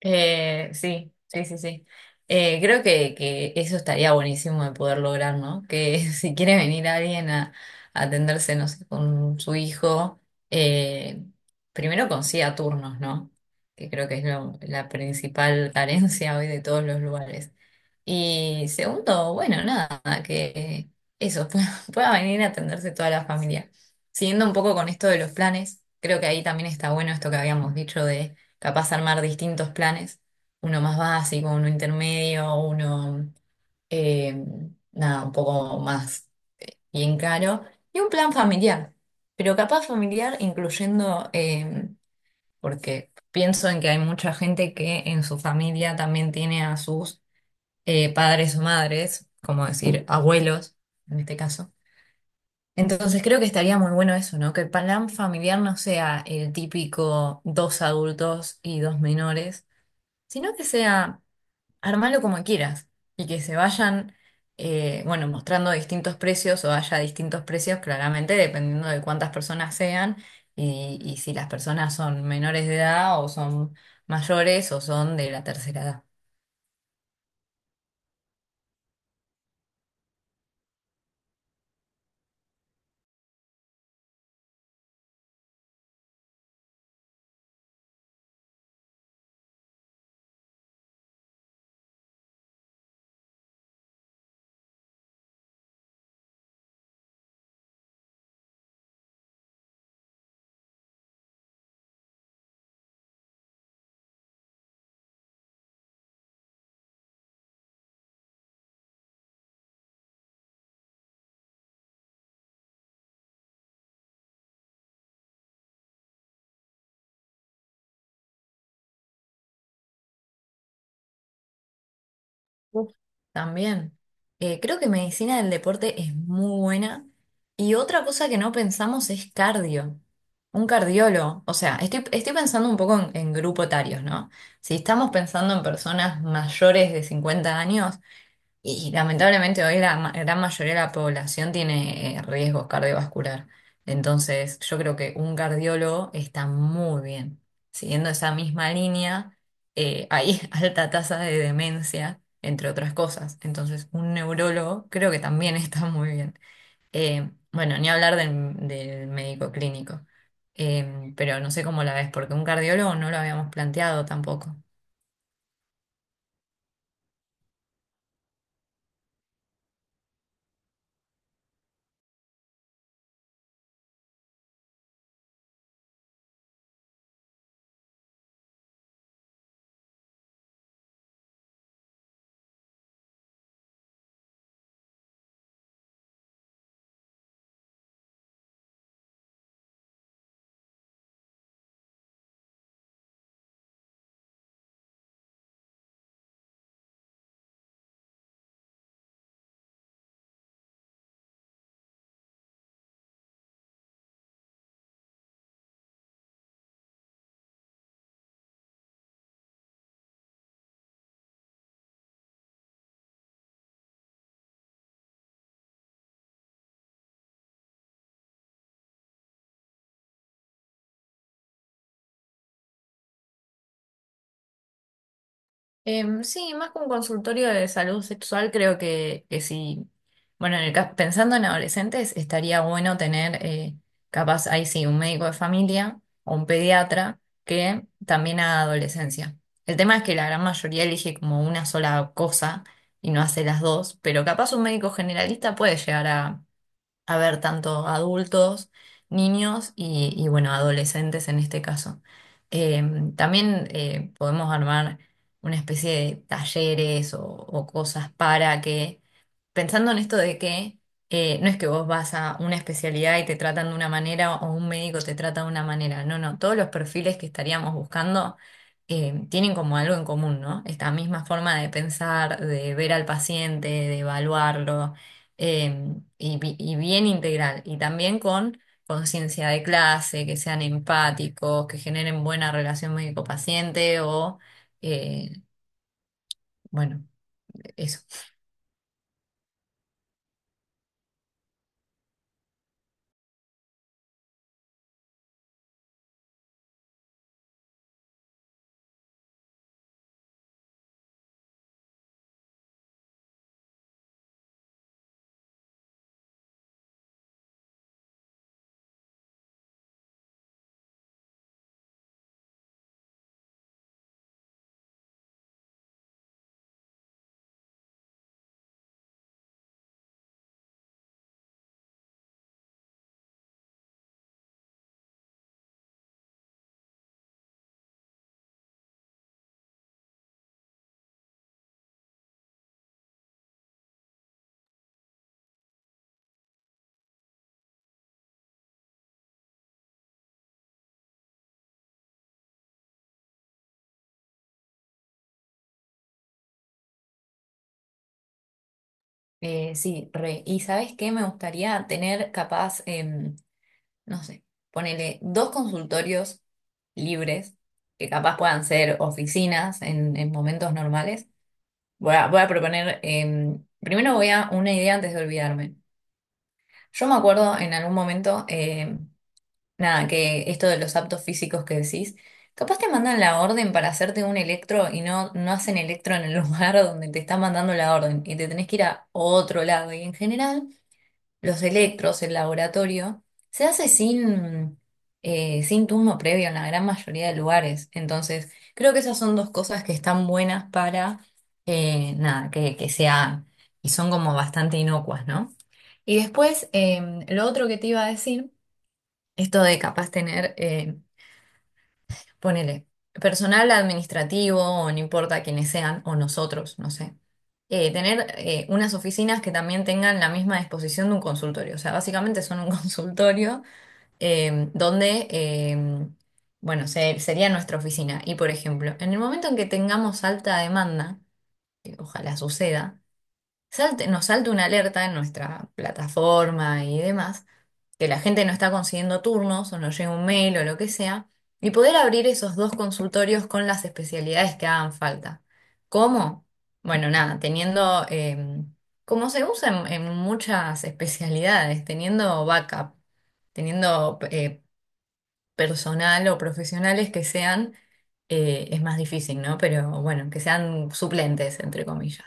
Sí, sí, sí, sí. Creo que eso estaría buenísimo de poder lograr, ¿no? Que si quiere venir alguien a atenderse, no sé, con su hijo, eh, primero consiga turnos, ¿no? Que creo que es la principal carencia hoy de todos los lugares. Y segundo, bueno, nada, que eso, pueda, pueda venir a atenderse toda la familia. Siguiendo un poco con esto de los planes, creo que ahí también está bueno esto que habíamos dicho capaz armar distintos planes, uno más básico, uno intermedio, uno, eh, nada, un poco más bien caro, y un plan familiar, pero capaz familiar incluyendo, porque pienso en que hay mucha gente que en su familia también tiene a sus padres o madres, como decir, abuelos, en este caso. Entonces creo que estaría muy bueno eso, ¿no? Que el plan familiar no sea el típico dos adultos y dos menores sino que sea armarlo como quieras y que se vayan, bueno, mostrando distintos precios o haya distintos precios claramente dependiendo de cuántas personas sean y si las personas son menores de edad o son mayores o son de la tercera edad. Uf, también. Creo que medicina del deporte es muy buena. Y otra cosa que no pensamos es cardio. Un cardiólogo. O sea, estoy pensando un poco en grupos etarios, ¿no? Si estamos pensando en personas mayores de 50 años, y lamentablemente hoy la gran mayoría de la población tiene riesgos cardiovascular. Entonces, yo creo que un cardiólogo está muy bien. Siguiendo esa misma línea, hay alta tasa de demencia, entre otras cosas. Entonces, un neurólogo creo que también está muy bien. Bueno, ni hablar del médico clínico. Pero no sé cómo la ves, porque un cardiólogo no lo habíamos planteado tampoco. Em, sí, más que un consultorio de salud sexual, creo que sí. Bueno, en pensando en adolescentes, estaría bueno tener, capaz, ahí sí, un médico de familia o un pediatra que también haga adolescencia. El tema es que la gran mayoría elige como una sola cosa y no hace las dos, pero capaz un médico generalista puede llegar a ver tanto adultos, niños y bueno, adolescentes en este caso. Eh, También podemos armar una especie de talleres o cosas para que pensando en esto de que no es que vos vas a una especialidad y te tratan de una manera o un médico te trata de una manera. No, no, todos los perfiles que estaríamos buscando tienen como algo en común, ¿no? Esta misma forma de pensar, de ver al paciente, de evaluarlo y, y bien integral. Y también con conciencia de clase, que sean empáticos, que generen buena relación médico-paciente o, eh, bueno, eso. Sí, re. ¿Y sabes qué? Me gustaría tener capaz, em, no sé, ponele dos consultorios libres, que capaz puedan ser oficinas en momentos normales. Voy a proponer, em, primero voy a una idea antes de olvidarme. Yo me acuerdo en algún momento, em, nada, que esto de los aptos físicos que decís, capaz te mandan la orden para hacerte un electro y no, no hacen electro en el lugar donde te están mandando la orden y te tenés que ir a otro lado. Y en general los electros, el laboratorio, se hace sin, sin turno previo en la gran mayoría de lugares. Entonces, creo que esas son dos cosas que están buenas para, nada, que se Y son como bastante inocuas, ¿no? Y después, em, lo otro que te iba a decir, esto de capaz tener ponele, personal administrativo, o no importa quiénes sean, o nosotros, no sé, tener unas oficinas que también tengan la misma disposición de un consultorio. O sea, básicamente son un consultorio donde, bueno, sería nuestra oficina. Y por ejemplo, en el momento en que tengamos alta demanda, que ojalá suceda, nos salte una alerta en nuestra plataforma y demás que la gente no está consiguiendo turnos o no llega un mail o lo que sea, y poder abrir esos dos consultorios con las especialidades que hagan falta. ¿Cómo? Bueno, nada, teniendo, como se usa en muchas especialidades, teniendo backup, teniendo personal o profesionales que sean, es más difícil, ¿no? Pero bueno, que sean suplentes, entre comillas.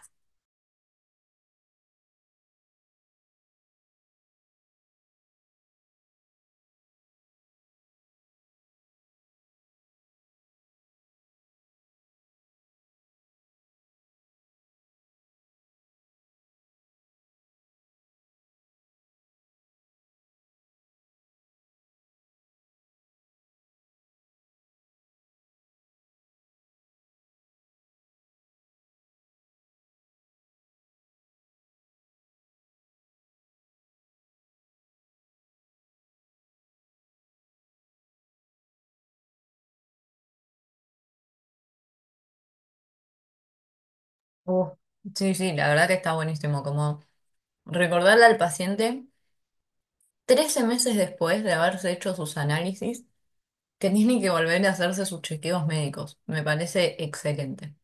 Uh, sí, sí, la verdad que está buenísimo, como recordarle al paciente 13 meses después de haberse hecho sus análisis, que tiene que volver a hacerse sus chequeos médicos. Me parece excelente.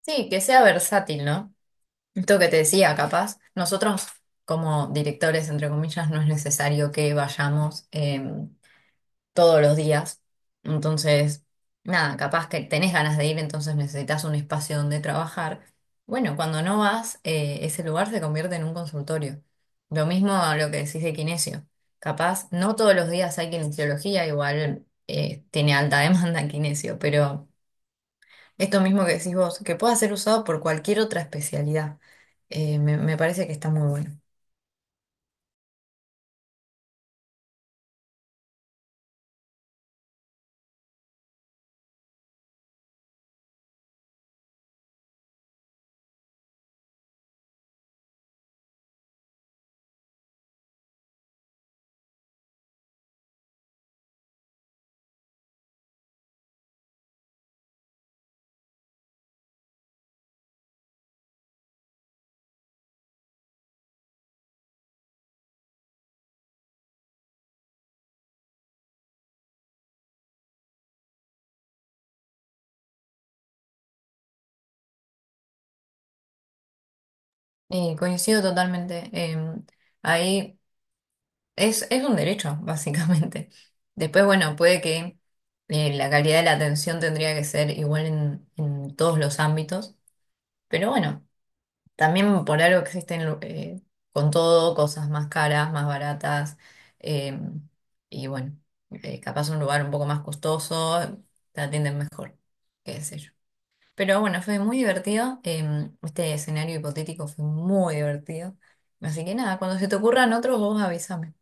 Sí, que sea versátil, ¿no? Esto que te decía, capaz, nosotros como directores, entre comillas, no es necesario que vayamos, todos los días. Entonces, nada, capaz que tenés ganas de ir, entonces necesitas un espacio donde trabajar. Bueno, cuando no vas, ese lugar se convierte en un consultorio. Lo mismo a lo que decís de kinesio. Capaz, no todos los días hay kinesiología, igual tiene alta demanda kinesio, pero esto mismo que decís vos, que pueda ser usado por cualquier otra especialidad, me parece que está muy bueno. Y coincido totalmente, em, ahí. Es un derecho, básicamente. Después, bueno, puede que la calidad de la atención tendría que ser igual en todos los ámbitos, pero bueno, también por algo existen con todo cosas más caras, más baratas, eh, y bueno, capaz un lugar un poco más costoso, te atienden mejor, qué sé yo. Pero bueno, fue muy divertido, este escenario hipotético fue muy divertido, así que nada, cuando se te ocurran otros, vos avísame.